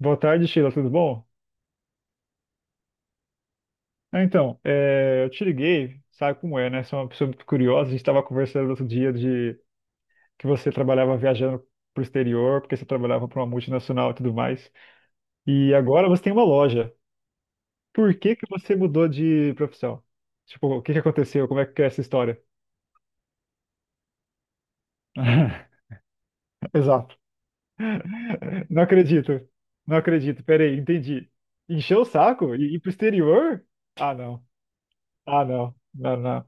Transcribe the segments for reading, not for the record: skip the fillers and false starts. Boa tarde, Sheila, tudo bom? Eu te liguei, sabe como é, né? Sou uma pessoa muito curiosa. A gente estava conversando outro dia de que você trabalhava viajando para o exterior, porque você trabalhava para uma multinacional e tudo mais. E agora você tem uma loja. Por que você mudou de profissão? Tipo, o que aconteceu? Como é que é essa história? Exato. Não acredito. Não acredito. Peraí, entendi. Encheu o saco e ir pro exterior? Ah, não. Ah, não. Não, não.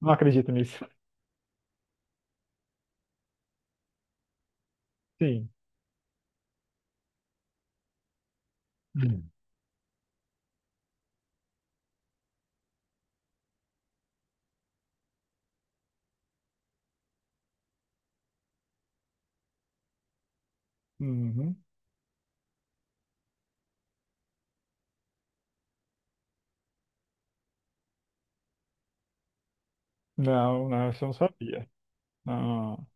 Não acredito nisso. Sim. Uhum. Não, não, isso eu não sabia. Não.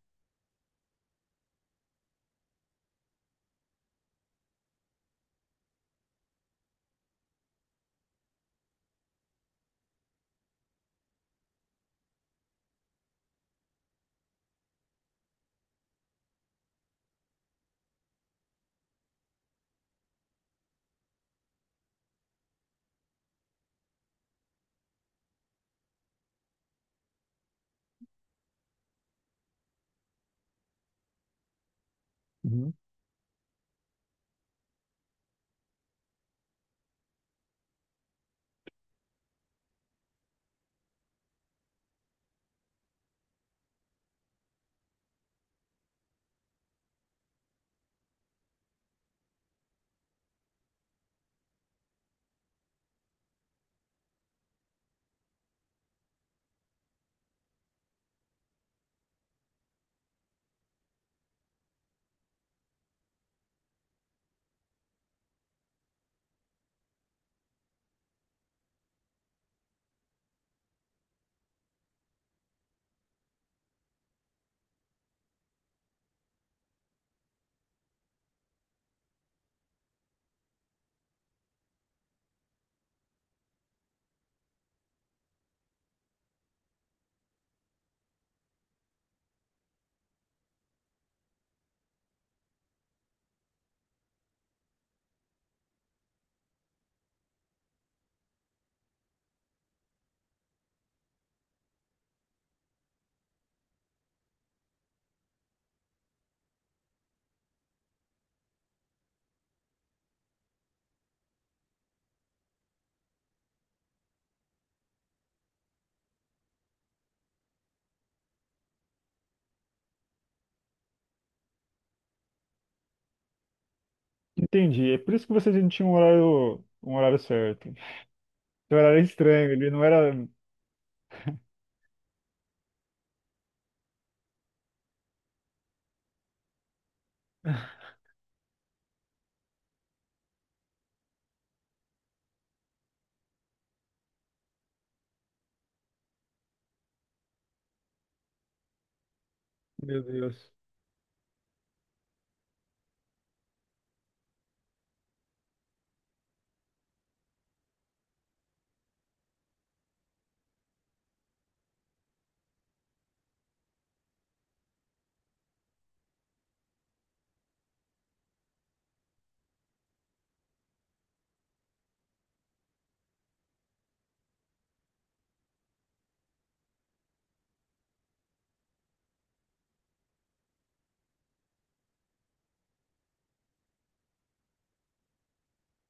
Uhum. Entendi. É por isso que vocês não tinham um horário certo. Seu horário era estranho, ele não era. Meu Deus.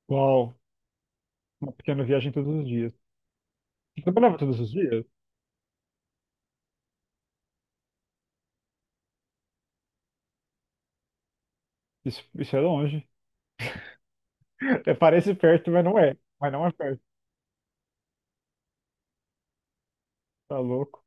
Uau, uma pequena viagem todos os dias. Você trabalhava todos os dias? Isso é longe. É, parece perto, mas não é. Mas não é perto. Tá louco.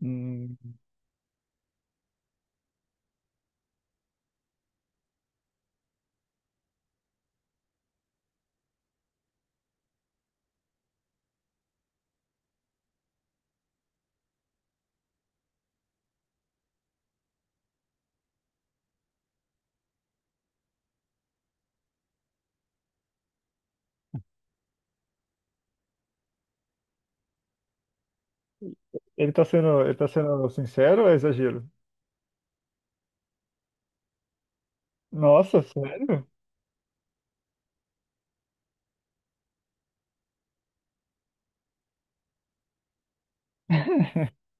Hum. Ele tá sendo sincero ou é exagero? Nossa, sério?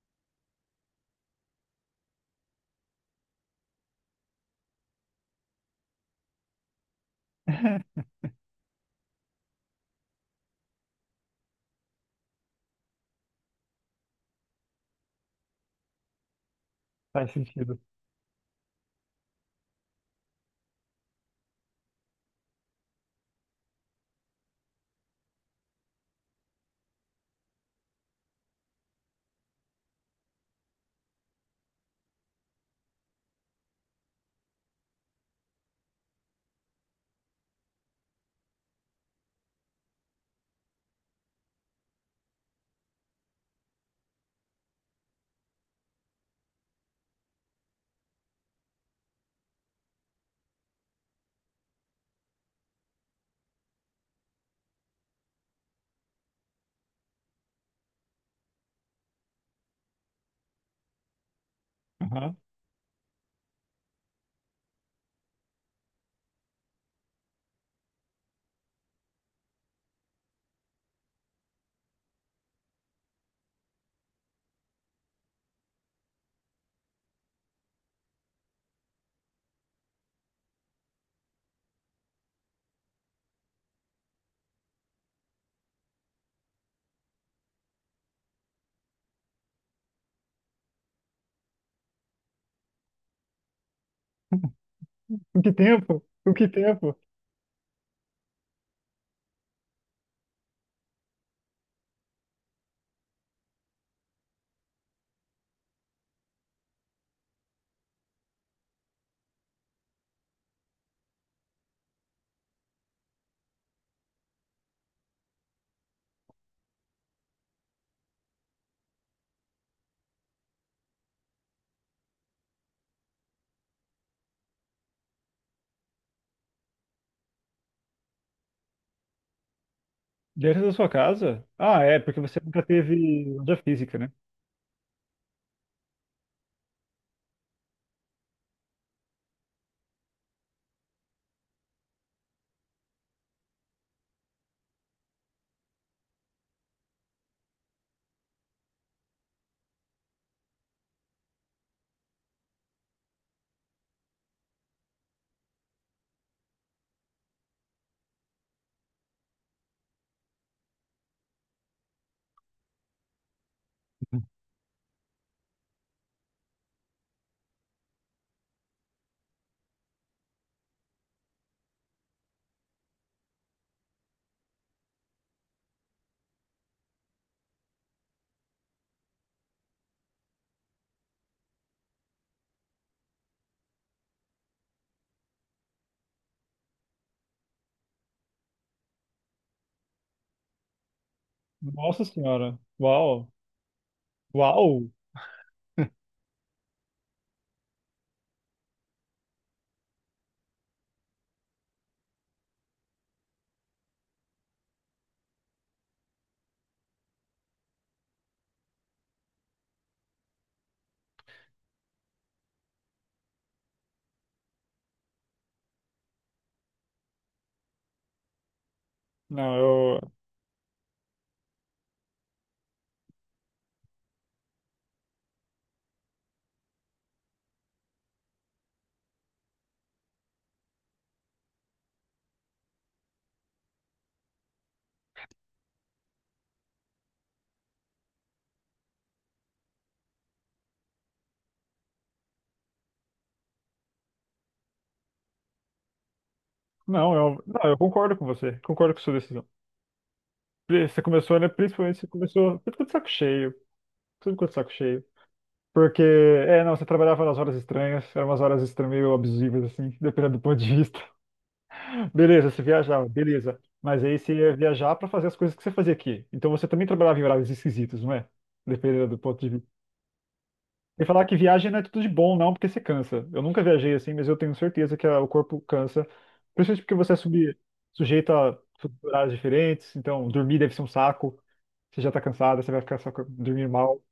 Faz sentido. Uhum. Com que tempo? Com que tempo? Dentro da sua casa? Ah, é, porque você nunca teve loja física, né? Nossa senhora. Uau. Uau. Não, eu. Não, eu concordo com você. Concordo com sua decisão. Você começou, né? Principalmente você começou. Você ficou de saco cheio. Você ficou de saco cheio. Porque, é, não, você trabalhava nas horas estranhas. Eram umas horas estranhas, meio abusivas, assim, dependendo do ponto de vista. Beleza, você viajava, beleza. Mas aí você ia viajar pra fazer as coisas que você fazia aqui. Então você também trabalhava em horários esquisitos, não é? Dependendo do ponto de vista. E falar que viagem não é tudo de bom, não, porque você cansa. Eu nunca viajei assim, mas eu tenho certeza que ah, o corpo cansa. Principalmente porque sujeito a horários diferentes, então dormir deve ser um saco. Você já tá cansado, você vai ficar só dormir mal.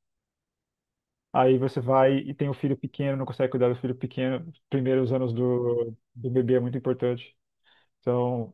Aí você vai e tem o filho pequeno, não consegue cuidar do filho pequeno. Primeiro, os anos do bebê é muito importante. Então,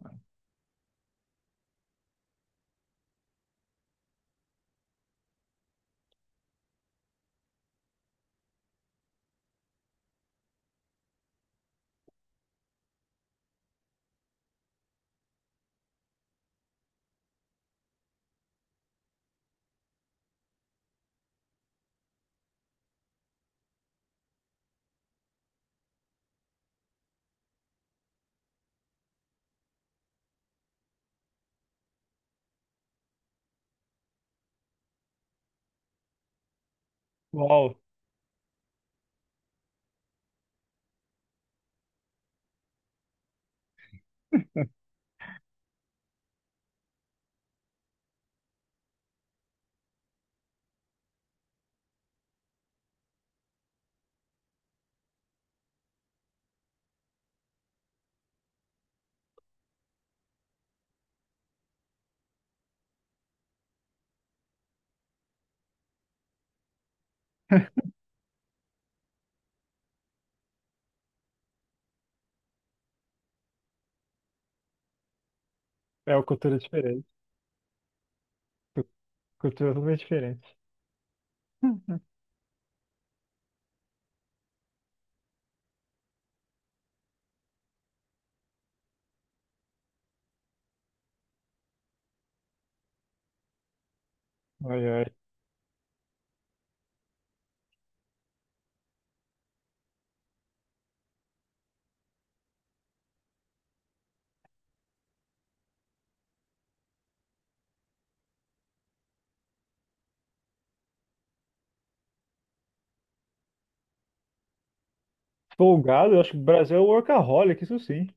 uau, é uma cultura diferente. Cu- Cultura totalmente diferente. Ai, ai. Folgado, eu acho que o Brasil é um workaholic, isso sim.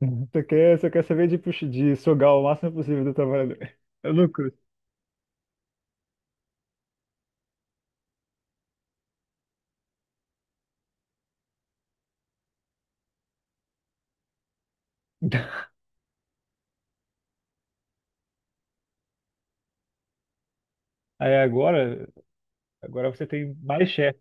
Você quer saber de, de sugar o máximo possível do trabalhador. É lucro. Aí agora, agora você tem mais chefe.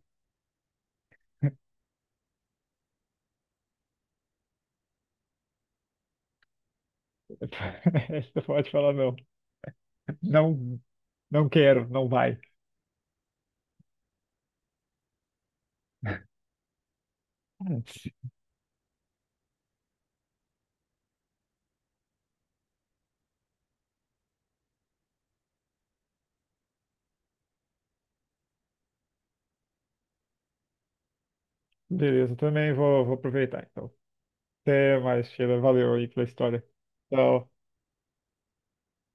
Você pode falar não. Não, não quero, não vai. Beleza, também vou, vou aproveitar então. Até mais, Sheila. Valeu aí pela história. Tchau.